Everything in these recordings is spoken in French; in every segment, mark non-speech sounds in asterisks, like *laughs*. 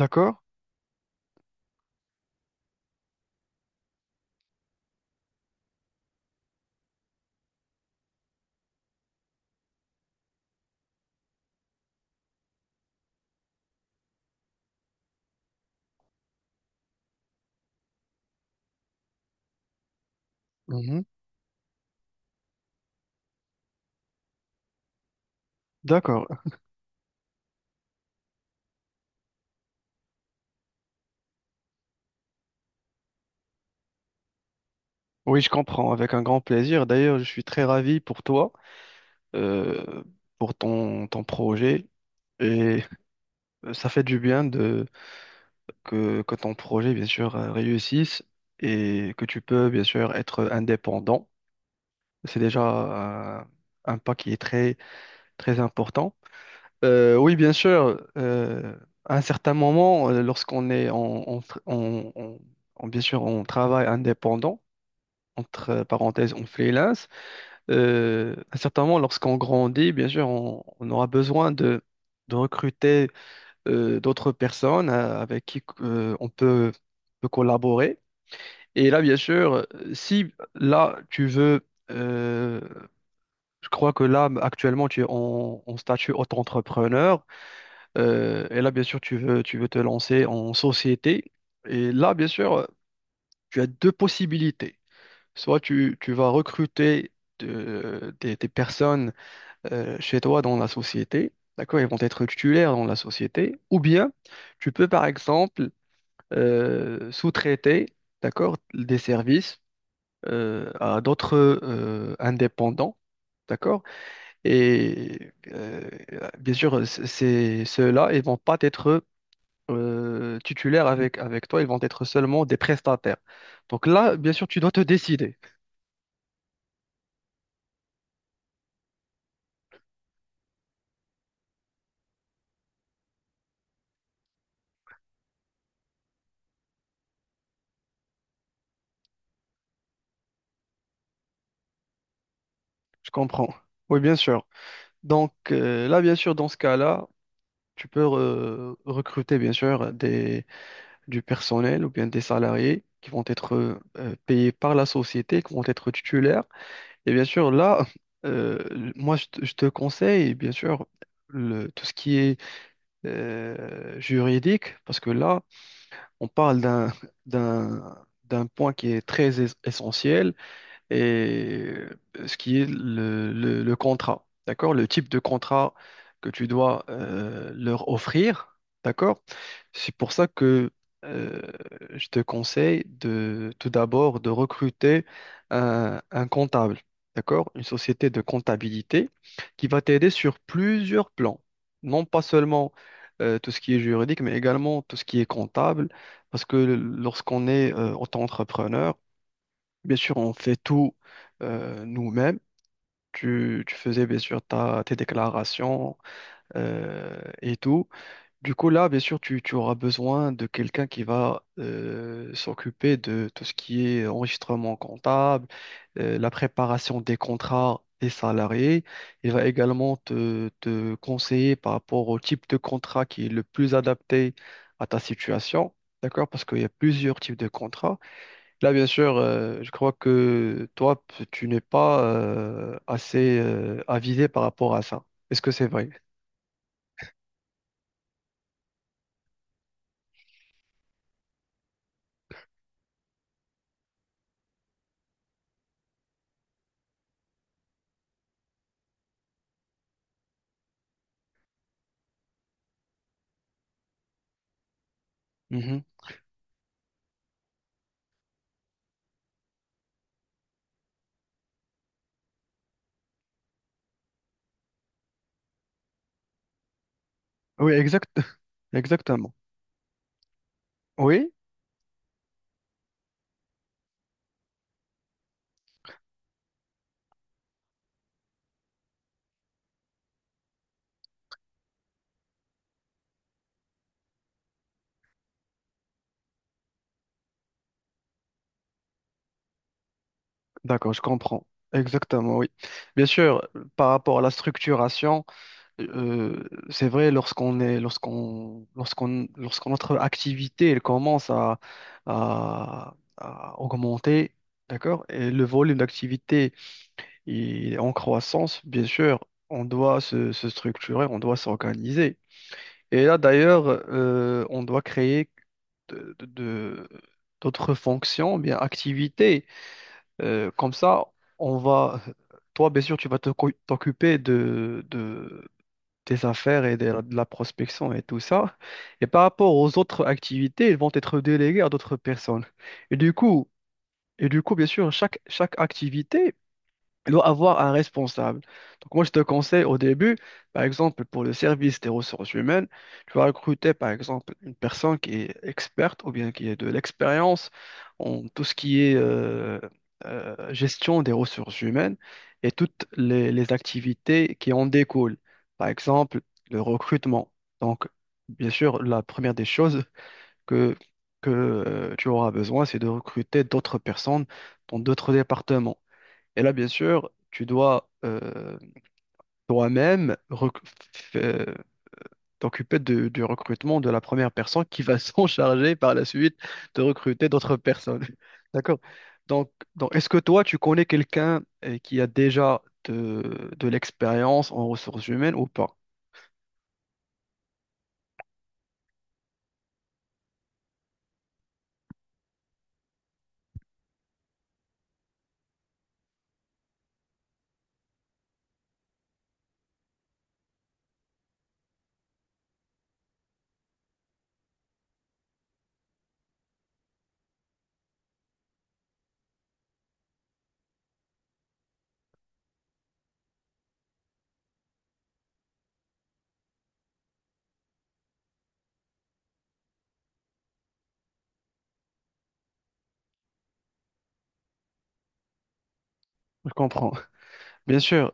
D'accord? Mhm. D'accord. Oui, je comprends, avec un grand plaisir. D'ailleurs, je suis très ravi pour toi, euh, pour ton projet. Et ça fait du bien que ton projet, bien sûr, réussisse et que tu peux, bien sûr, être indépendant. C'est déjà un pas qui est très important. Oui, bien sûr, à un certain moment, lorsqu'on est bien sûr, on travaille indépendant, entre parenthèses, on freelance, à un certain moment, lorsqu'on grandit, bien sûr, on aura besoin de recruter d'autres personnes avec qui on peut collaborer. Et là, bien sûr, si là, je crois que là, actuellement, tu es en statut auto-entrepreneur. Euh, et là, bien sûr, tu veux te lancer en société. Et là, bien sûr, tu as deux possibilités. Soit tu vas recruter des personnes chez toi dans la société. D'accord? Ils vont être titulaires dans la société. Ou bien, tu peux, par exemple, sous-traiter, d'accord, des services à d'autres indépendants. D'accord? Et bien sûr, ceux-là, ils vont pas être titulaires avec toi, ils vont être seulement des prestataires. Donc là, bien sûr, tu dois te décider. Je comprends. Oui, bien sûr. Donc là, bien sûr, dans ce cas-là, tu peux recruter, bien sûr, du personnel ou bien des salariés qui vont être payés par la société, qui vont être titulaires. Et bien sûr, là, euh, moi, je te conseille, bien sûr, le, tout ce qui est juridique, parce que là, on parle d'un point qui est très essentiel, et ce qui est le contrat, d'accord? Le type de contrat que tu dois leur offrir, d'accord? C'est pour ça que euh, je te conseille de tout d'abord de recruter un comptable, d'accord? Une société de comptabilité qui va t'aider sur plusieurs plans, non pas seulement tout ce qui est juridique, mais également tout ce qui est comptable, parce que lorsqu'on est auto-entrepreneur, bien sûr, on fait tout nous-mêmes. Tu faisais bien sûr tes déclarations et tout. Du coup, là, bien sûr, tu auras besoin de quelqu'un qui va s'occuper de tout ce qui est enregistrement comptable, la préparation des contrats des salariés. Il va également te conseiller par rapport au type de contrat qui est le plus adapté à ta situation. D'accord? Parce qu'il y a plusieurs types de contrats. Là, bien sûr, je crois que toi, tu n'es pas assez avisé par rapport à ça. Est-ce que c'est vrai? Mhm. Oui, exact, *laughs* exactement. Oui, d'accord, je comprends. Exactement, oui. Bien sûr, par rapport à la structuration. Euh, c'est vrai, lorsqu'on est, lorsqu'on, lorsqu'on, lorsque notre activité elle commence à augmenter, d'accord? Et le volume d'activité il est en croissance, bien sûr, on doit se structurer, on doit s'organiser. Et là, d'ailleurs, on doit créer de, de- de- d'autres fonctions, bien activités. Comme ça, on va, toi, bien sûr, tu vas t'occuper de, des affaires et de la prospection et tout ça. Et par rapport aux autres activités, ils vont être délégués à d'autres personnes. Et du coup, et du coup, bien sûr, chaque activité elle doit avoir un responsable. Donc moi, je te conseille au début, par exemple, pour le service des ressources humaines, tu vas recruter, par exemple, une personne qui est experte ou bien qui a de l'expérience en tout ce qui est gestion des ressources humaines et toutes les activités qui en découlent. Par exemple, le recrutement. Donc, bien sûr, la première des choses que, que tu auras besoin, c'est de recruter d'autres personnes dans d'autres départements. Et là, bien sûr, tu dois toi-même f- euh, t'occuper du recrutement de la première personne qui va *laughs* s'en charger par la suite de recruter d'autres personnes. *laughs* D'accord? Donc, donc est-ce que toi, tu connais quelqu'un qui a déjà de l'expérience en ressources humaines ou pas? Je comprends. Bien sûr.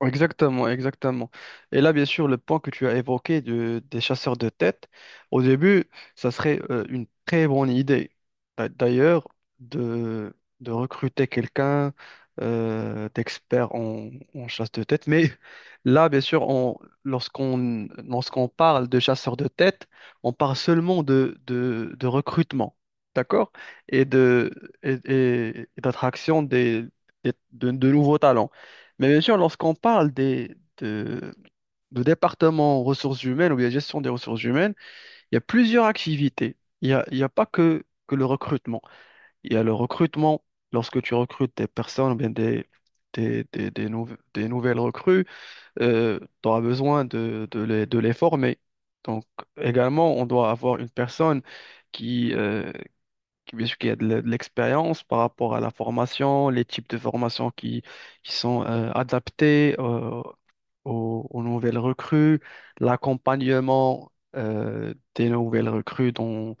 Exactement, exactement. Et là, bien sûr, le point que tu as évoqué des chasseurs de tête, au début, ça serait une très bonne idée. D'ailleurs, de recruter quelqu'un d'expert en chasse de tête. Mais là, bien sûr, on, lorsqu'on parle de chasseurs de tête, on parle seulement de recrutement, d'accord? Et de, et d'attraction de nouveaux talents. Mais bien sûr, lorsqu'on parle de département ressources humaines ou bien gestion des ressources humaines, il y a plusieurs activités. Il y a pas que le recrutement. Il y a le recrutement lorsque tu recrutes des personnes ou bien des des nouvelles recrues, tu auras besoin de les former. Donc également, on doit avoir une personne qui, bien sûr qu'il y a de l'expérience par rapport à la formation, les types de formations qui sont adaptés aux nouvelles recrues, l'accompagnement des nouvelles recrues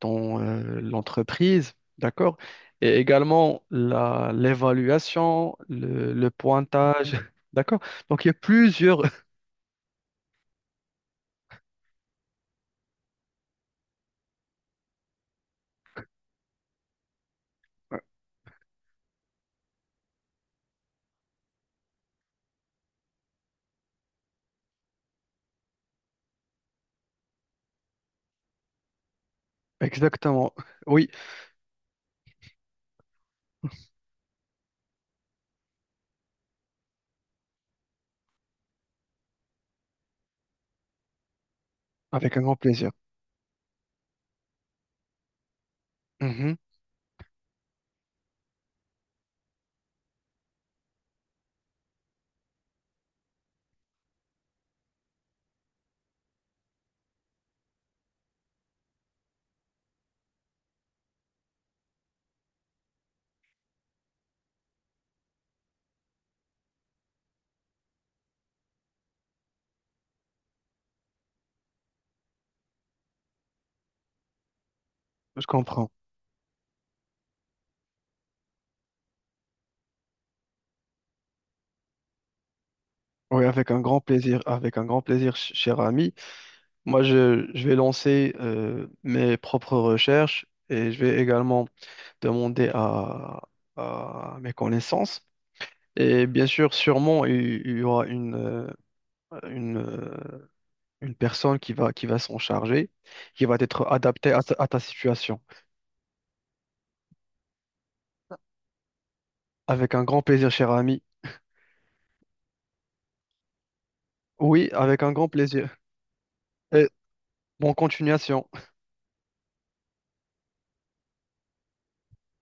dans l'entreprise, d'accord? Et également l'évaluation, le pointage, *laughs* d'accord? Donc il y a plusieurs... *laughs* Exactement, oui, avec un grand plaisir. Mhm, je comprends. Oui, avec un grand plaisir, avec un grand plaisir, cher ami. Moi, je vais lancer mes propres recherches et je vais également demander à mes connaissances. Et bien sûr, sûrement, il y aura une, euh, une personne qui va s'en charger, qui va être adaptée à ta situation. Avec un grand plaisir, cher ami. Oui, avec un grand plaisir. Et bonne continuation.